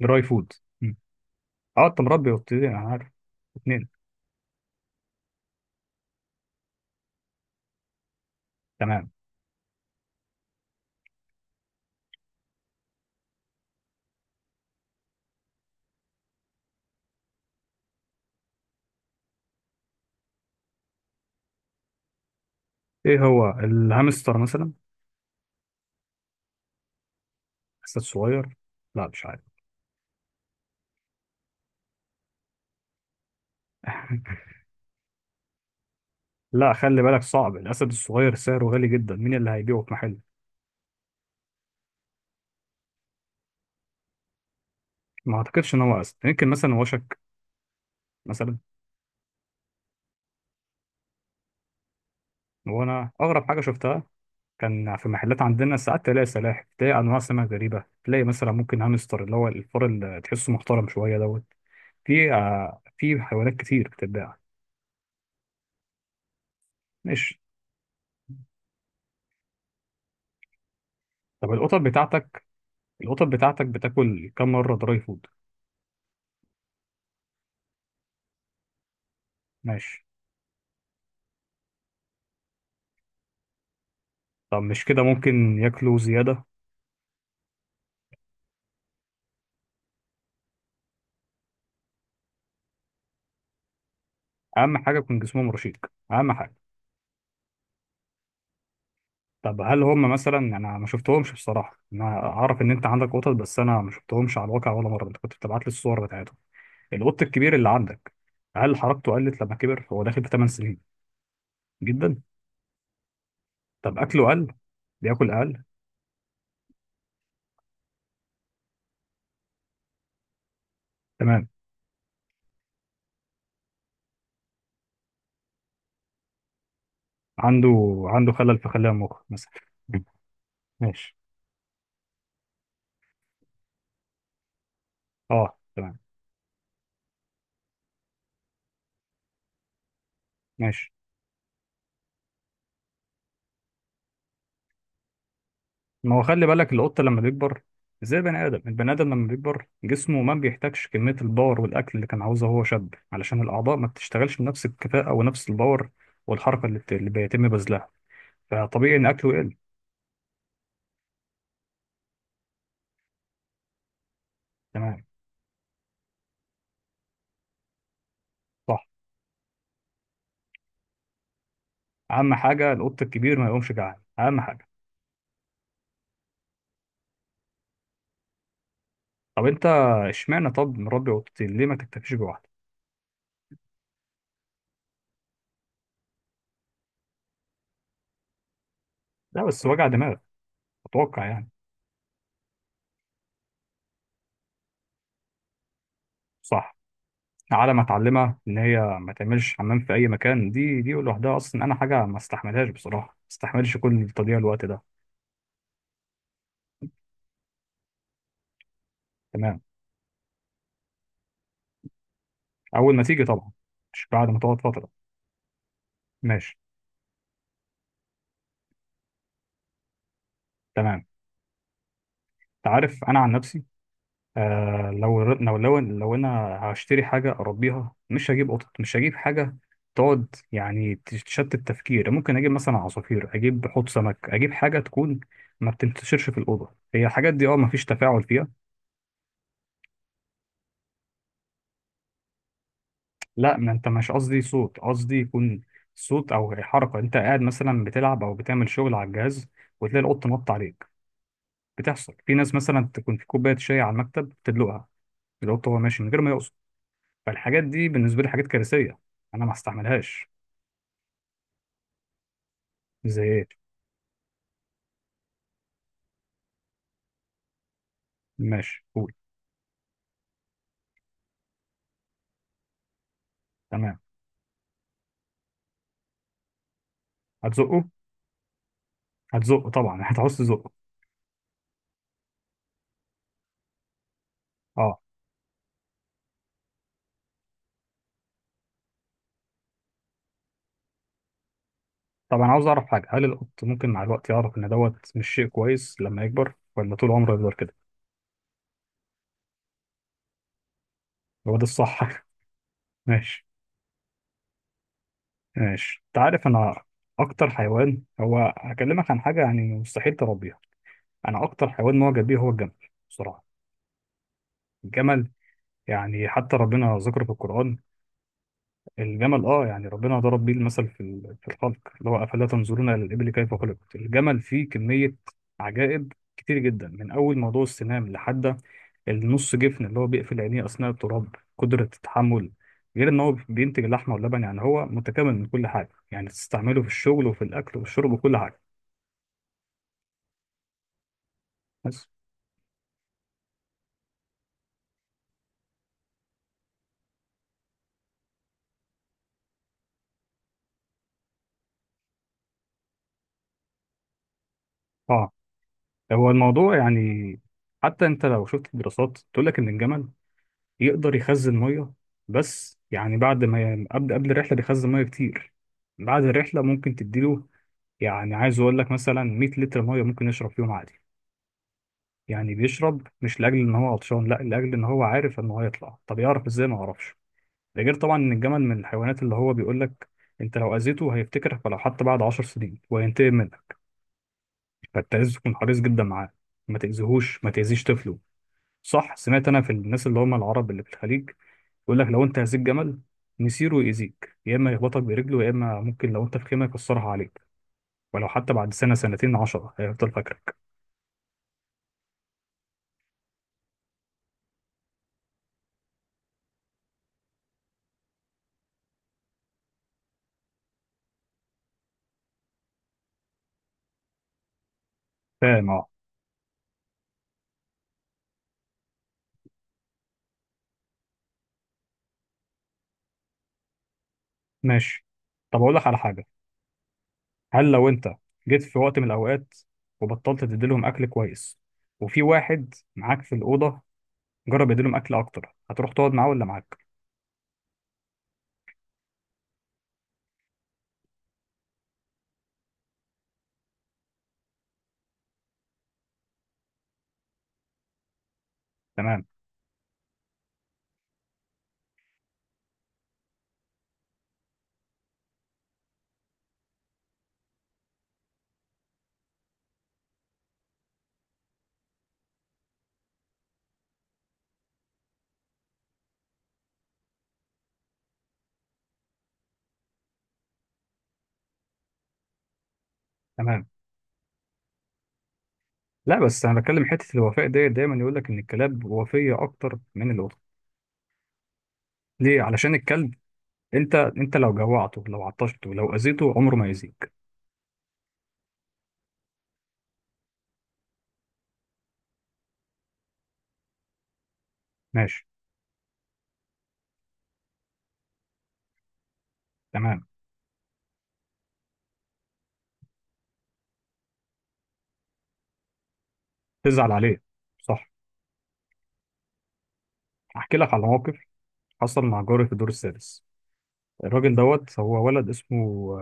دراي فود. مم. اه، انت مربي وبتدي، انا عارف. اتنين. تمام. ايه هو الهامستر مثلا؟ اسد صغير؟ لا مش عارف. لا خلي بالك، صعب الاسد الصغير سعره غالي جدا، مين اللي هيبيعه في محل؟ ما اعتقدش ان هو اسد، يمكن مثلا وشك مثلا. وانا اغرب حاجه شفتها، كان في محلات عندنا ساعات تلاقي سلاحف، تلاقي انواع سمك غريبه، تلاقي مثلا ممكن هامستر اللي هو الفار اللي تحسه محترم شويه دوت. في في حيوانات كتير بتتباع. ماشي. طب القطط بتاعتك، القطط بتاعتك بتاكل كم مره دراي فود؟ ماشي. طب مش كده ممكن ياكلوا زيادة؟ أهم حاجة يكون جسمهم رشيق، أهم حاجة. طب هل هم مثلا، أنا ما شفتهمش بصراحة، أنا أعرف إن أنت عندك قطط بس أنا ما شفتهمش على الواقع ولا مرة، أنت كنت بتبعت لي الصور بتاعتهم. القط الكبير اللي عندك، هل حركته قلت لما كبر؟ هو داخل في 8 سنين. جدا. طب أكله قل؟ بياكل أقل؟ تمام. عنده، عنده خلل في خلايا المخ مثلا. ماشي. أه تمام. ماشي. ما هو خلي بالك، القطة لما بيكبر زي البني آدم، البني آدم لما بيكبر جسمه ما بيحتاجش كمية الباور والأكل اللي كان عاوزها وهو شاب، علشان الأعضاء ما بتشتغلش بنفس الكفاءة ونفس الباور والحركة اللي بيتم بذلها. فطبيعي إن أكله يقل. تمام. صح. أهم حاجة القط الكبير ما يقومش جعان، أهم حاجة. طب أنت اشمعنى، طب مربي قطتين ليه ما تكتفيش بواحدة؟ لا بس وجع دماغ، أتوقع يعني. صح. على ما اتعلمها ان هي ما تعملش حمام في اي مكان، دي لوحدها اصلا انا حاجه ما استحملهاش بصراحه، ما استحملش كل تضييع الوقت ده. تمام. اول ما تيجي طبعا، مش بعد ما تقعد فتره. ماشي. تمام. انت عارف انا عن نفسي، آه لو انا هشتري حاجه اربيها، مش هجيب قطط، مش هجيب حاجه تقعد يعني تشتت التفكير. ممكن اجيب مثلا عصافير، اجيب حوض سمك، اجيب حاجه تكون ما بتنتشرش في الاوضه. هي الحاجات دي اه ما فيش تفاعل فيها. لا ما انت مش قصدي صوت، قصدي يكون صوت او حركه، انت قاعد مثلا بتلعب او بتعمل شغل على الجهاز، وتلاقي القط نط عليك. بتحصل في ناس مثلا تكون في كوبايه شاي على المكتب تدلقها القط وهو ماشي من غير ما يقصد. فالحاجات دي بالنسبه لي حاجات كارثيه، انا ما استحملهاش. زي ايه؟ ماشي قول. تمام. هتزقه. هتزقه طبعا، هتعوز تزقه. اه. طب انا عاوز اعرف حاجه، هل القط ممكن مع الوقت يعرف ان دوت مش شيء كويس لما يكبر، ولا طول عمره يفضل كده؟ هو ده الصح. ماشي. ماشي. انت عارف انا اكتر حيوان، هو هكلمك عن حاجه يعني مستحيل تربيها، انا اكتر حيوان معجب بيه هو الجمل، بصراحه. الجمل، يعني حتى ربنا ذكر في القران الجمل. اه، يعني ربنا ضرب بيه المثل في في الخلق، اللي هو افلا تنظرون الى الابل كيف خلقت. الجمل فيه كميه عجائب كتير جدا، من اول موضوع السنام، لحد النص جفن اللي هو بيقفل عينيه اثناء التراب، قدره التحمل، غير ان هو بينتج اللحمه واللبن. يعني هو متكامل من كل حاجه، يعني تستعمله في الشغل وفي الاكل والشرب وكل حاجه. بس اه، هو الموضوع يعني، حتى انت لو شفت الدراسات تقول لك ان الجمل يقدر يخزن ميه. بس يعني بعد ما قبل الرحله بيخزن ميه كتير، بعد الرحله ممكن تديله، يعني عايز اقول لك مثلا 100 لتر ميه ممكن يشرب فيهم عادي. يعني بيشرب مش لاجل ان هو عطشان، لا، لاجل ان هو عارف ان هو هيطلع. طب يعرف ازاي؟ ما اعرفش. ده غير طبعا ان الجمل من الحيوانات اللي هو بيقول لك انت لو اذيته هيفتكرك، ولو حتى بعد 10 سنين وينتقم منك. فانت لازم تكون حريص جدا معاه، ما تأذيهوش، ما تأذيش طفله. صح سمعت انا في الناس اللي هم العرب اللي في الخليج، يقول لك لو انت هزيت جمل، مسيره يأذيك، يا اما يخبطك برجله، يا اما ممكن لو انت في خيمه يكسرها عليك. ولو حتى بعد سنه، سنتين، عشرة، هيفضل فاكرك. فاهم اه. ماشي. طب اقول لك على حاجه، هل لو انت جيت في وقت من الاوقات وبطلت تديلهم اكل كويس، وفي واحد معاك في الاوضه جرب يديلهم اكل اكتر، هتروح تقعد معاه ولا معاك؟ تمام. تمام. لا بس انا بتكلم حته الوفاء ديت، دايما يقول لك ان الكلاب وفيه اكتر من القطط. ليه؟ علشان الكلب انت، انت لو جوعته، لو عطشته، لو اذيته، عمره ما يأذيك. ماشي. تمام. تزعل عليه. صح. احكي لك على موقف حصل مع جاري في الدور السادس. الراجل دوت، هو ولد اسمه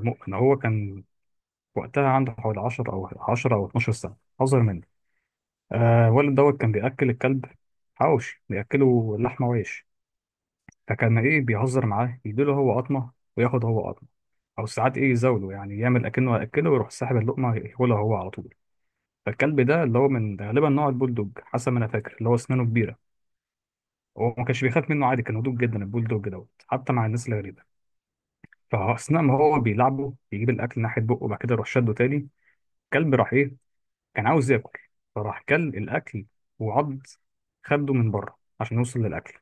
مؤمن، هو كان وقتها عنده حوالي 10 او 10 او 12 سنه، اصغر مني. آه الولد دوت كان بياكل الكلب حواوشي، بياكله لحمه وعيش. فكان ايه بيهزر معاه، يديله هو قطمه وياخد هو قطمه، او ساعات ايه يزاوله، يعني يعمل اكنه هياكله ويروح ساحب اللقمه ياكلها هو على طول. فالكلب ده اللي هو من ده غالبا نوع البولدوج حسب ما انا فاكر، اللي هو اسنانه كبيره. هو ما كانش بيخاف منه عادي، كان هدوء جدا البولدوج دوت حتى مع الناس الغريبه. فاثناء ما هو بيلعبه، يجيب الاكل ناحيه بقه وبعد كده يروح شده تاني. الكلب راح ايه، كان عاوز ياكل، فراح كل الاكل. وعض خده من بره عشان يوصل للاكل،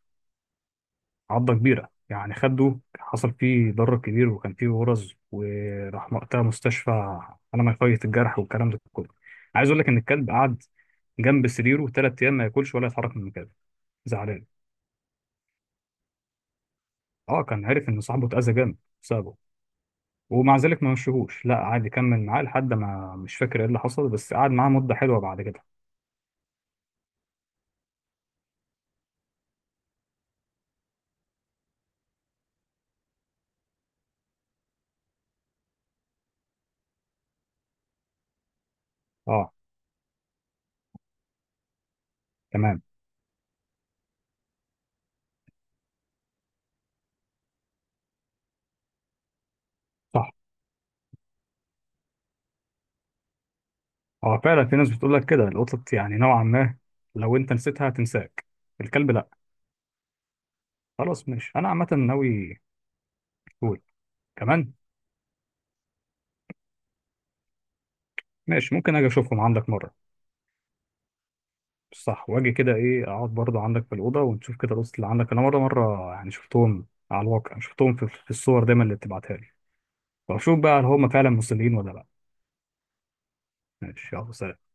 عضة كبيرة يعني. خده حصل فيه ضرر كبير وكان فيه غرز، وراح وقتها مستشفى، على ما يفيض الجرح والكلام ده كله. عايز اقول لك ان الكلب قعد جنب سريره ثلاث ايام، ما ياكلش ولا يتحرك من مكانه، زعلان. اه، كان عارف ان صاحبه اتأذى جامد بسببه. ومع ذلك ما مشيهوش، لا قعد يكمل معاه لحد ما، مش فاكر ايه اللي حصل، بس قعد معاه مدة حلوة بعد كده. اه تمام. صح. اه فعلا في ناس بتقول لك كده، القطط يعني نوعا ما لو انت نسيتها هتنساك، الكلب لا. خلاص ماشي، انا عامة ناوي. كمان. ماشي ممكن اجي اشوفهم عندك مره. صح، واجي كده ايه اقعد برضه عندك في الاوضه، ونشوف كده القصه اللي عندك. انا مره، مره يعني شفتهم على الواقع، شفتهم في الصور دايما اللي بتبعتها لي. واشوف بقى هل هم فعلا مصريين ولا لا. ماشي. يلا سلام.